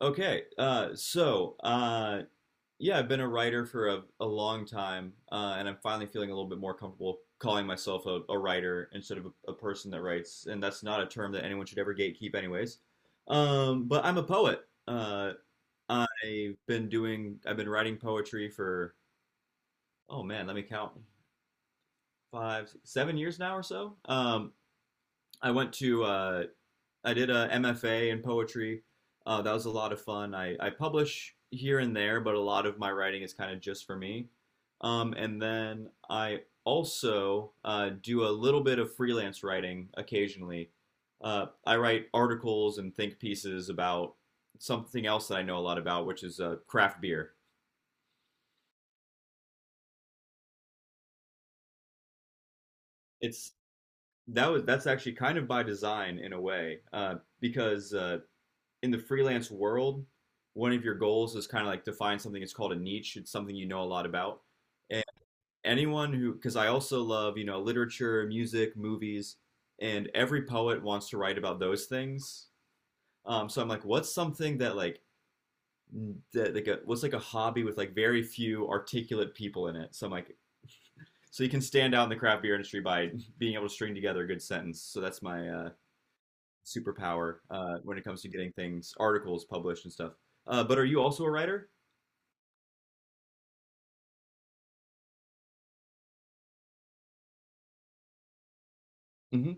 Okay, I've been a writer for a long time, and I'm finally feeling a little bit more comfortable calling myself a writer instead of a person that writes, and that's not a term that anyone should ever gatekeep, anyways. But I'm a poet. Uh, I've been writing poetry for, oh man, let me count, 7 years now or so. I went to I did a MFA in poetry. That was a lot of fun. I publish here and there, but a lot of my writing is kind of just for me. And then I also do a little bit of freelance writing occasionally. I write articles and think pieces about something else that I know a lot about, which is craft beer. It's that was That's actually kind of by design in a way, because in the freelance world, one of your goals is kind of like to find something. It's called a niche. It's something you know a lot about. And anyone who, because I also love, you know, literature, music, movies, and every poet wants to write about those things. So I'm like, what's something that what's like a hobby with like very few articulate people in it? So I'm like, so you can stand out in the craft beer industry by being able to string together a good sentence. So that's my superpower when it comes to getting things, articles published and stuff. But are you also a writer? Hmm.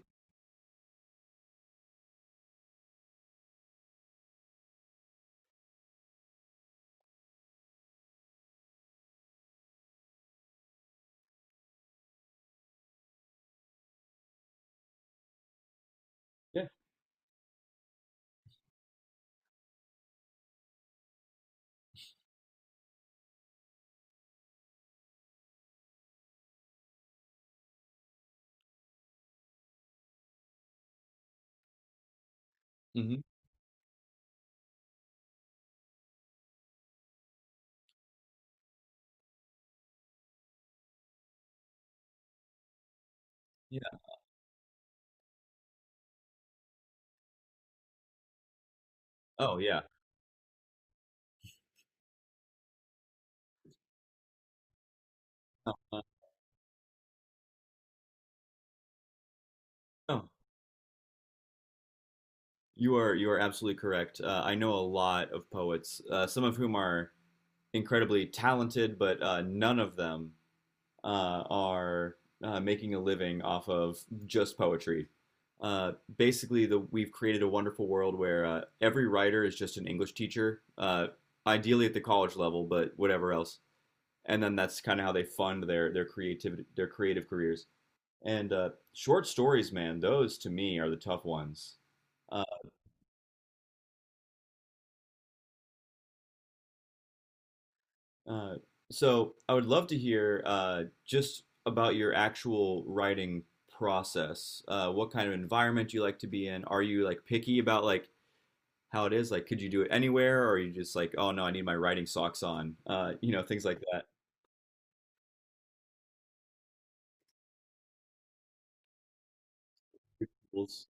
Yeah. Hmm. Yeah. Oh, yeah. Uh, Oh, you are absolutely correct. I know a lot of poets, some of whom are incredibly talented, but none of them are making a living off of just poetry. Basically, the we've created a wonderful world where every writer is just an English teacher, ideally at the college level, but whatever else. And then that's kind of how they fund their creativity, their creative careers. And short stories, man, those to me are the tough ones. Uh, uh, so I would love to hear just about your actual writing process. What kind of environment you like to be in? Are you like picky about like how it is? Like, could you do it anywhere, or are you just like, oh no, I need my writing socks on? Things like that. Rules.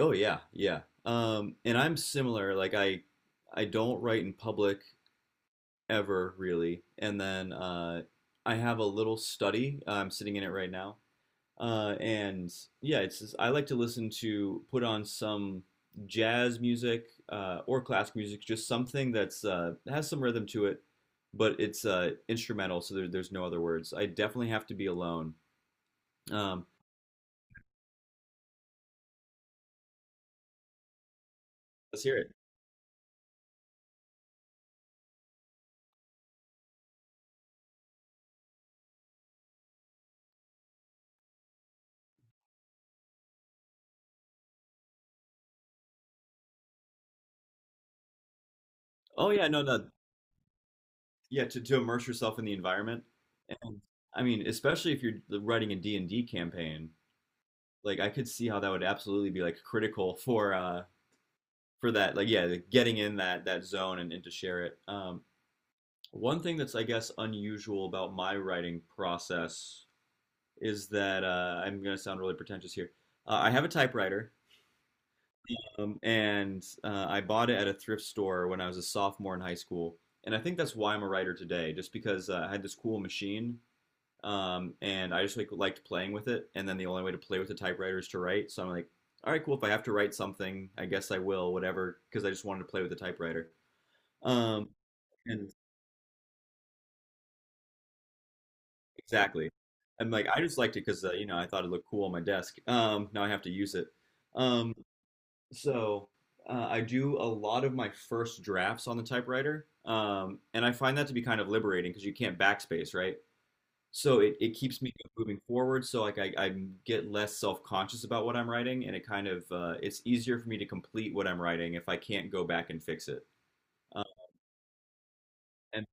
Oh yeah, yeah. And I'm similar. I don't write in public ever really. And then I have a little study. I'm sitting in it right now. And yeah, I like to listen to put on some jazz music or classic music, just something that's has some rhythm to it, but it's instrumental, so there's no other words. I definitely have to be alone. Um, let's hear it. Oh yeah, no, no, yeah, to immerse yourself in the environment. And I mean, especially if you're writing a D and D campaign, like I could see how that would absolutely be like critical for that, like, yeah, like, getting in that zone, and to share it. One thing that's, I guess, unusual about my writing process is that I'm going to sound really pretentious here. I have a typewriter, and I bought it at a thrift store when I was a sophomore in high school, and I think that's why I'm a writer today, just because I had this cool machine. And I just liked playing with it. And then the only way to play with a typewriter is to write. So I'm like, all right, cool. If I have to write something, I guess I will, whatever, because I just wanted to play with the typewriter. Um, and Exactly, and like I just liked it because, you know, I thought it looked cool on my desk. Now I have to use it. Um, so I do a lot of my first drafts on the typewriter, and I find that to be kind of liberating because you can't backspace, right? So it keeps me moving forward. So I get less self-conscious about what I'm writing, and it kind of it's easier for me to complete what I'm writing if I can't go back and fix it. Uh, and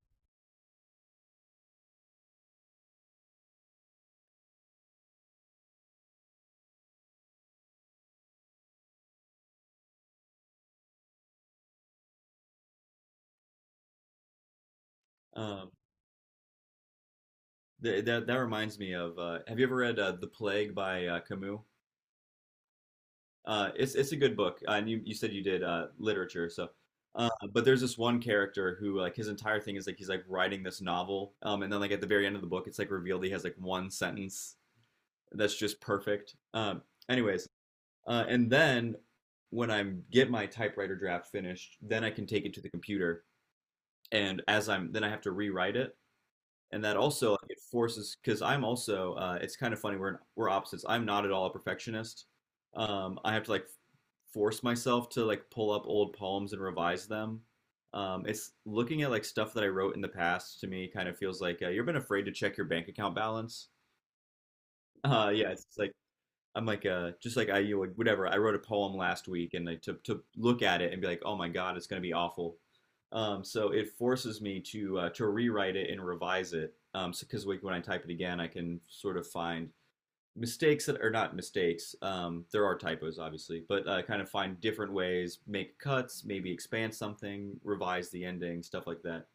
um, th that That reminds me of, have you ever read The Plague by Camus? It's a good book, and you said you did literature, so. But there's this one character who, like, his entire thing is like he's like writing this novel, and then like at the very end of the book, it's like revealed he has like one sentence that's just perfect. Anyways. And then when I get my typewriter draft finished, then I can take it to the computer. Then I have to rewrite it. And that also like, it forces, because I'm also, it's kind of funny, we're opposites. I'm not at all a perfectionist. I have to like force myself to like pull up old poems and revise them. It's looking at like stuff that I wrote in the past to me kind of feels like, you've been afraid to check your bank account balance. Yeah, it's like I'm like, just like I, you would, whatever, I wrote a poem last week and like to look at it and be like, oh my god, it's gonna be awful. So it forces me to, to rewrite it and revise it, so because like when I type it again I can sort of find mistakes that are not mistakes. There are typos obviously, but kind of find different ways, make cuts, maybe expand something, revise the ending, stuff like that.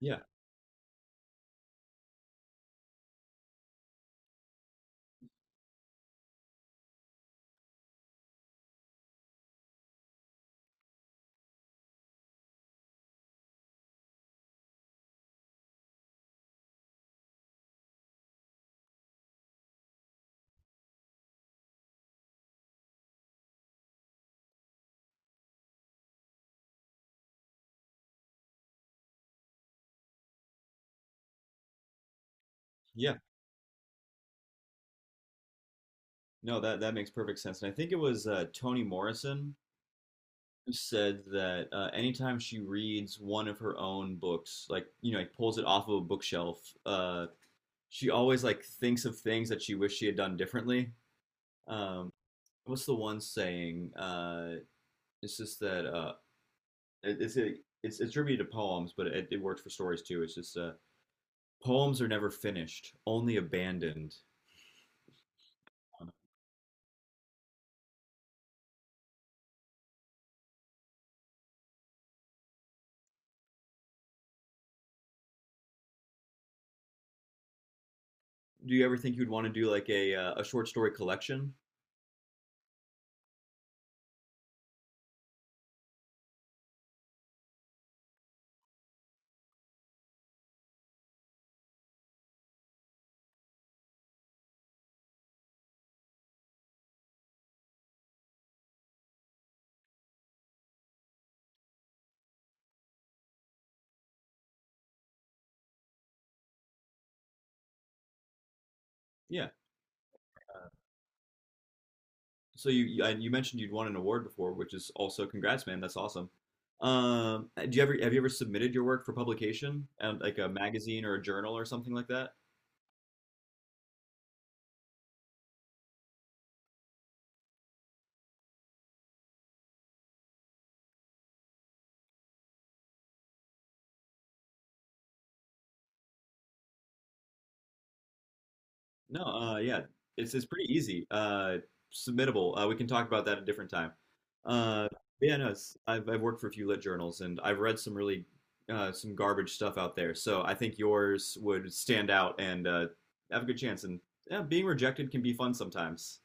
Yeah, yeah. No, that makes perfect sense, and I think it was, Toni Morrison said that, anytime she reads one of her own books, like, you know, like pulls it off of a bookshelf, uh, she always like thinks of things that she wished she had done differently. Um, what's the one saying? It's just that uh, it- it's a, it's attributed to poems, but it works for stories too. It's just, poems are never finished, only abandoned. Do you ever think you'd want to do like a short story collection? Yeah. So you you- Mentioned you'd won an award before, which is also congrats, man. That's awesome. Do you ever Have you ever submitted your work for publication and like a magazine or a journal or something like that? No, yeah, it's pretty easy. Submittable. We can talk about that a different time. Uh, yeah, no, it's, I've worked for a few lit journals and I've read some really, some garbage stuff out there. So I think yours would stand out and have a good chance. And yeah, being rejected can be fun sometimes.